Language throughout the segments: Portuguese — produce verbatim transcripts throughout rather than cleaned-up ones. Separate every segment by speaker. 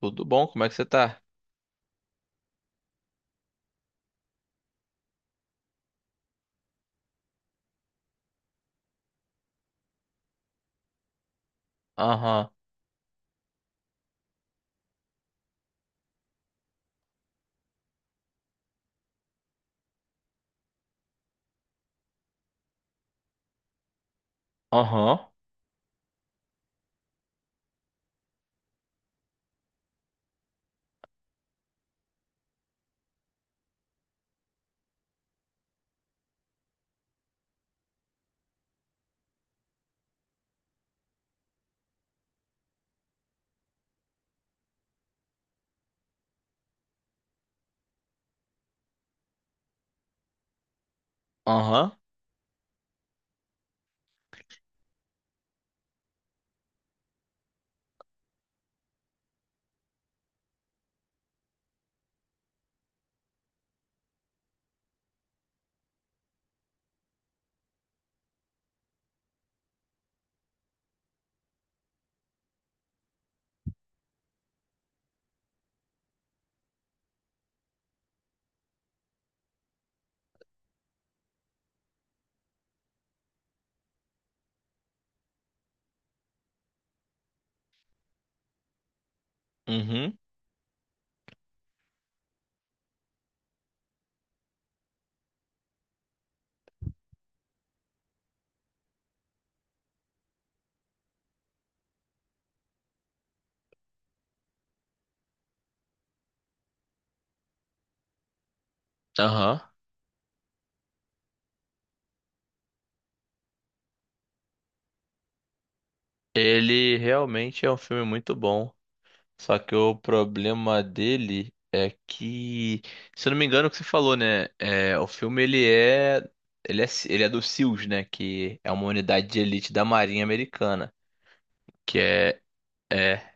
Speaker 1: Tudo bom? Como é que você tá? Aham, aham, aham, uhum, aham. Ele realmente é um filme muito bom. Só que o problema dele é que, se eu não me engano, é o que você falou, né? É, o filme ele é, ele é, ele é do SEALs, né? Que é uma unidade de elite da Marinha Americana, que é,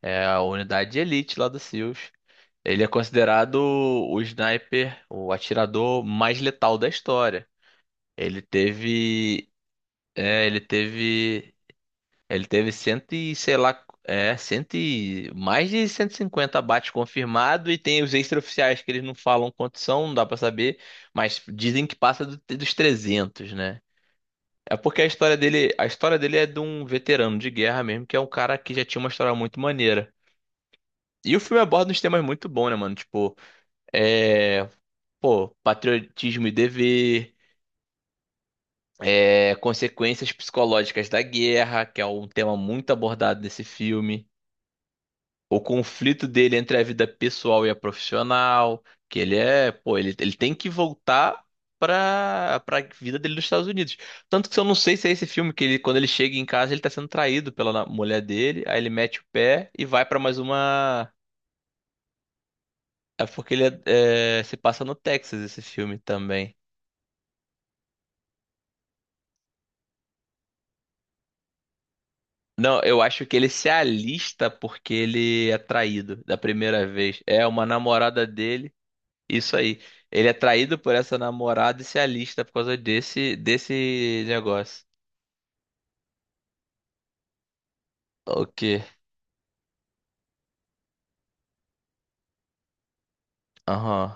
Speaker 1: é a unidade de elite lá do SEALs. Ele é considerado o sniper, o atirador mais letal da história. Ele teve. É, ele teve. Ele teve cento e, sei lá, é, cento e, mais de cento e cinquenta abates confirmados e tem os extraoficiais que eles não falam quantos são, não dá pra saber, mas dizem que passa do- dos trezentos, né? É porque a história dele, a história dele é de um veterano de guerra mesmo, que é um cara que já tinha uma história muito maneira. E o filme aborda uns temas muito bons, né, mano? Tipo, é, pô, patriotismo e dever, é, consequências psicológicas da guerra, que é um tema muito abordado nesse filme. O conflito dele entre a vida pessoal e a profissional, que ele é, pô, ele, ele tem que voltar pra, pra vida dele nos Estados Unidos. Tanto que eu não sei se é esse filme que ele, quando ele chega em casa, ele tá sendo traído pela na- mulher dele, aí ele mete o pé e vai pra mais uma. É porque ele é- é, se passa no Texas esse filme também. Não, eu acho que ele se alista porque ele é traído da primeira vez. É uma namorada dele, isso aí. Ele é traído por essa namorada e se alista por causa desse desse negócio. O quê? Aham.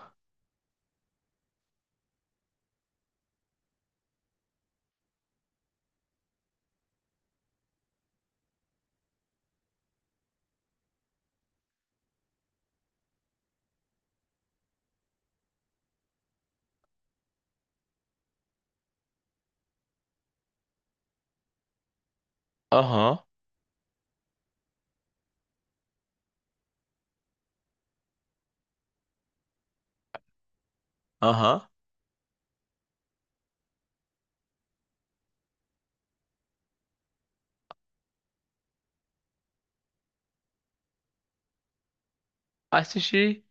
Speaker 1: Aham. Aham. Assisti.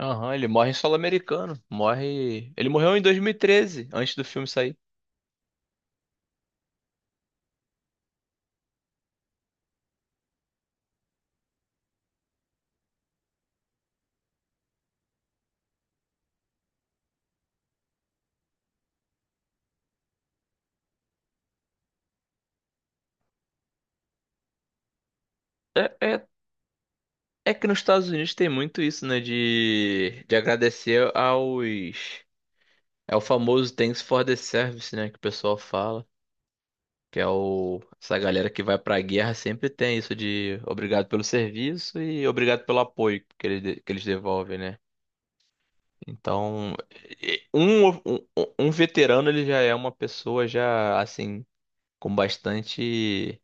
Speaker 1: Aham, ele morre em solo americano. Morre. Ele morreu em dois mil e treze, antes do filme sair. É, é, é que nos Estados Unidos tem muito isso, né? De, de agradecer aos. É o famoso Thanks for the Service, né? Que o pessoal fala. Que é o... Essa galera que vai pra guerra sempre tem isso de obrigado pelo serviço e obrigado pelo apoio que eles, de- que eles devolvem, né? Então, e- um, um, um veterano, ele já é uma pessoa já, assim, com bastante...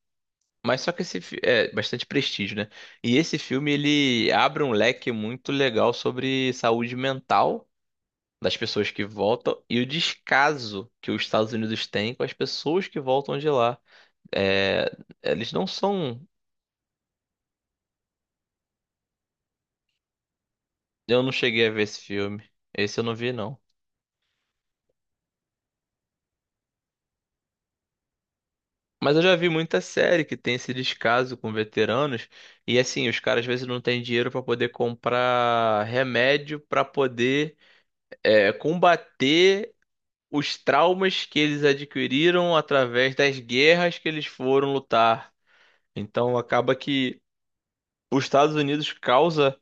Speaker 1: Mas só que esse... fi- é, bastante prestígio, né? E esse filme, ele abre um leque muito legal sobre saúde mental das pessoas que voltam e o descaso que os Estados Unidos têm com as pessoas que voltam de lá. É, eles não são. Eu não cheguei a ver esse filme. Esse eu não vi, não. Mas eu já vi muita série que tem esse descaso com veteranos. E assim, os caras às vezes não têm dinheiro para poder comprar remédio para poder é, combater os traumas que eles adquiriram através das guerras que eles foram lutar. Então acaba que os Estados Unidos causa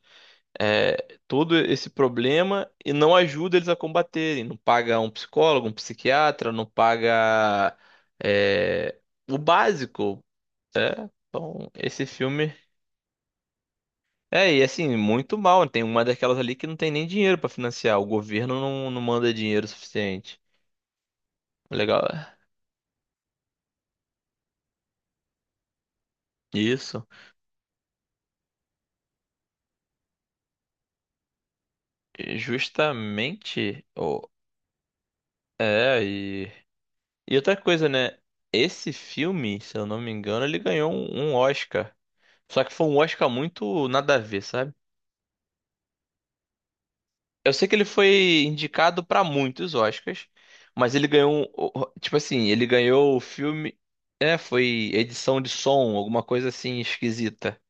Speaker 1: é, todo esse problema e não ajuda eles a combaterem. Não paga um psicólogo, um psiquiatra, não paga é, o básico. É, então, esse filme. É, e assim, muito mal. Né? Tem uma daquelas ali que não tem nem dinheiro pra financiar. O governo não, não manda dinheiro suficiente. Legal. É. Isso. E justamente. O é, e. E outra coisa, né? Esse filme, se eu não me engano, ele ganhou um um Oscar. Só que foi um Oscar muito nada a ver, sabe? Eu sei que ele foi indicado pra muitos Oscars, mas ele ganhou, um- tipo assim, ele ganhou o filme, é, foi edição de som, alguma coisa assim esquisita.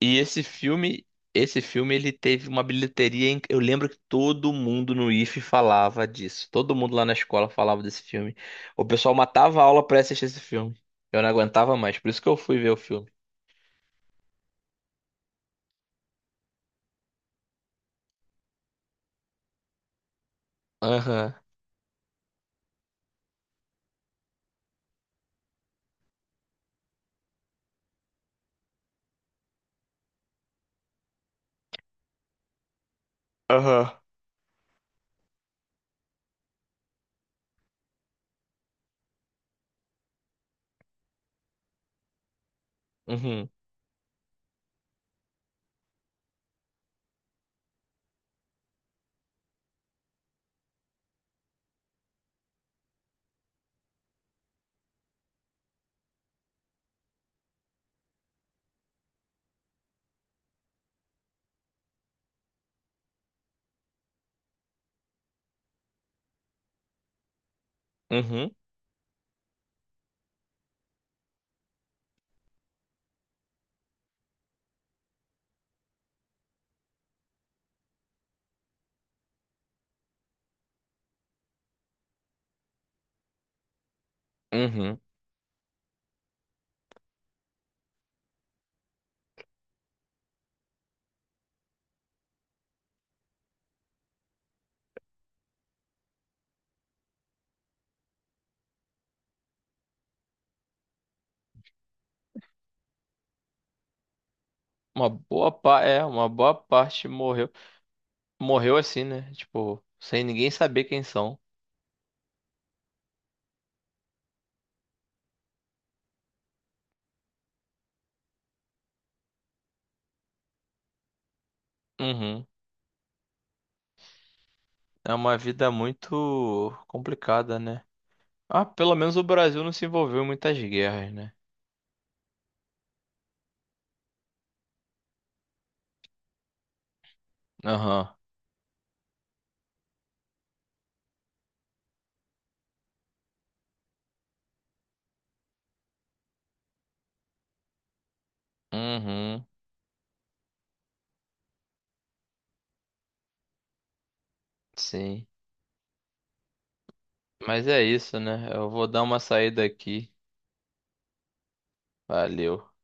Speaker 1: E esse filme, esse filme ele teve uma bilheteria, inc- eu lembro que todo mundo no I F E falava disso. Todo mundo lá na escola falava desse filme. O pessoal matava a aula pra assistir esse filme. Eu não aguentava mais, por isso que eu fui ver o filme. Aham. Aham. Uhum. Uhum. Uhum. Uma boa pa... é, uma boa parte morreu. Morreu assim, né? Tipo, sem ninguém saber quem são. Uhum. É uma vida muito complicada, né? Ah, pelo menos o Brasil não se envolveu em muitas guerras, né? Aham. Uhum. Sim. Mas é isso, né? Eu vou dar uma saída aqui. Valeu.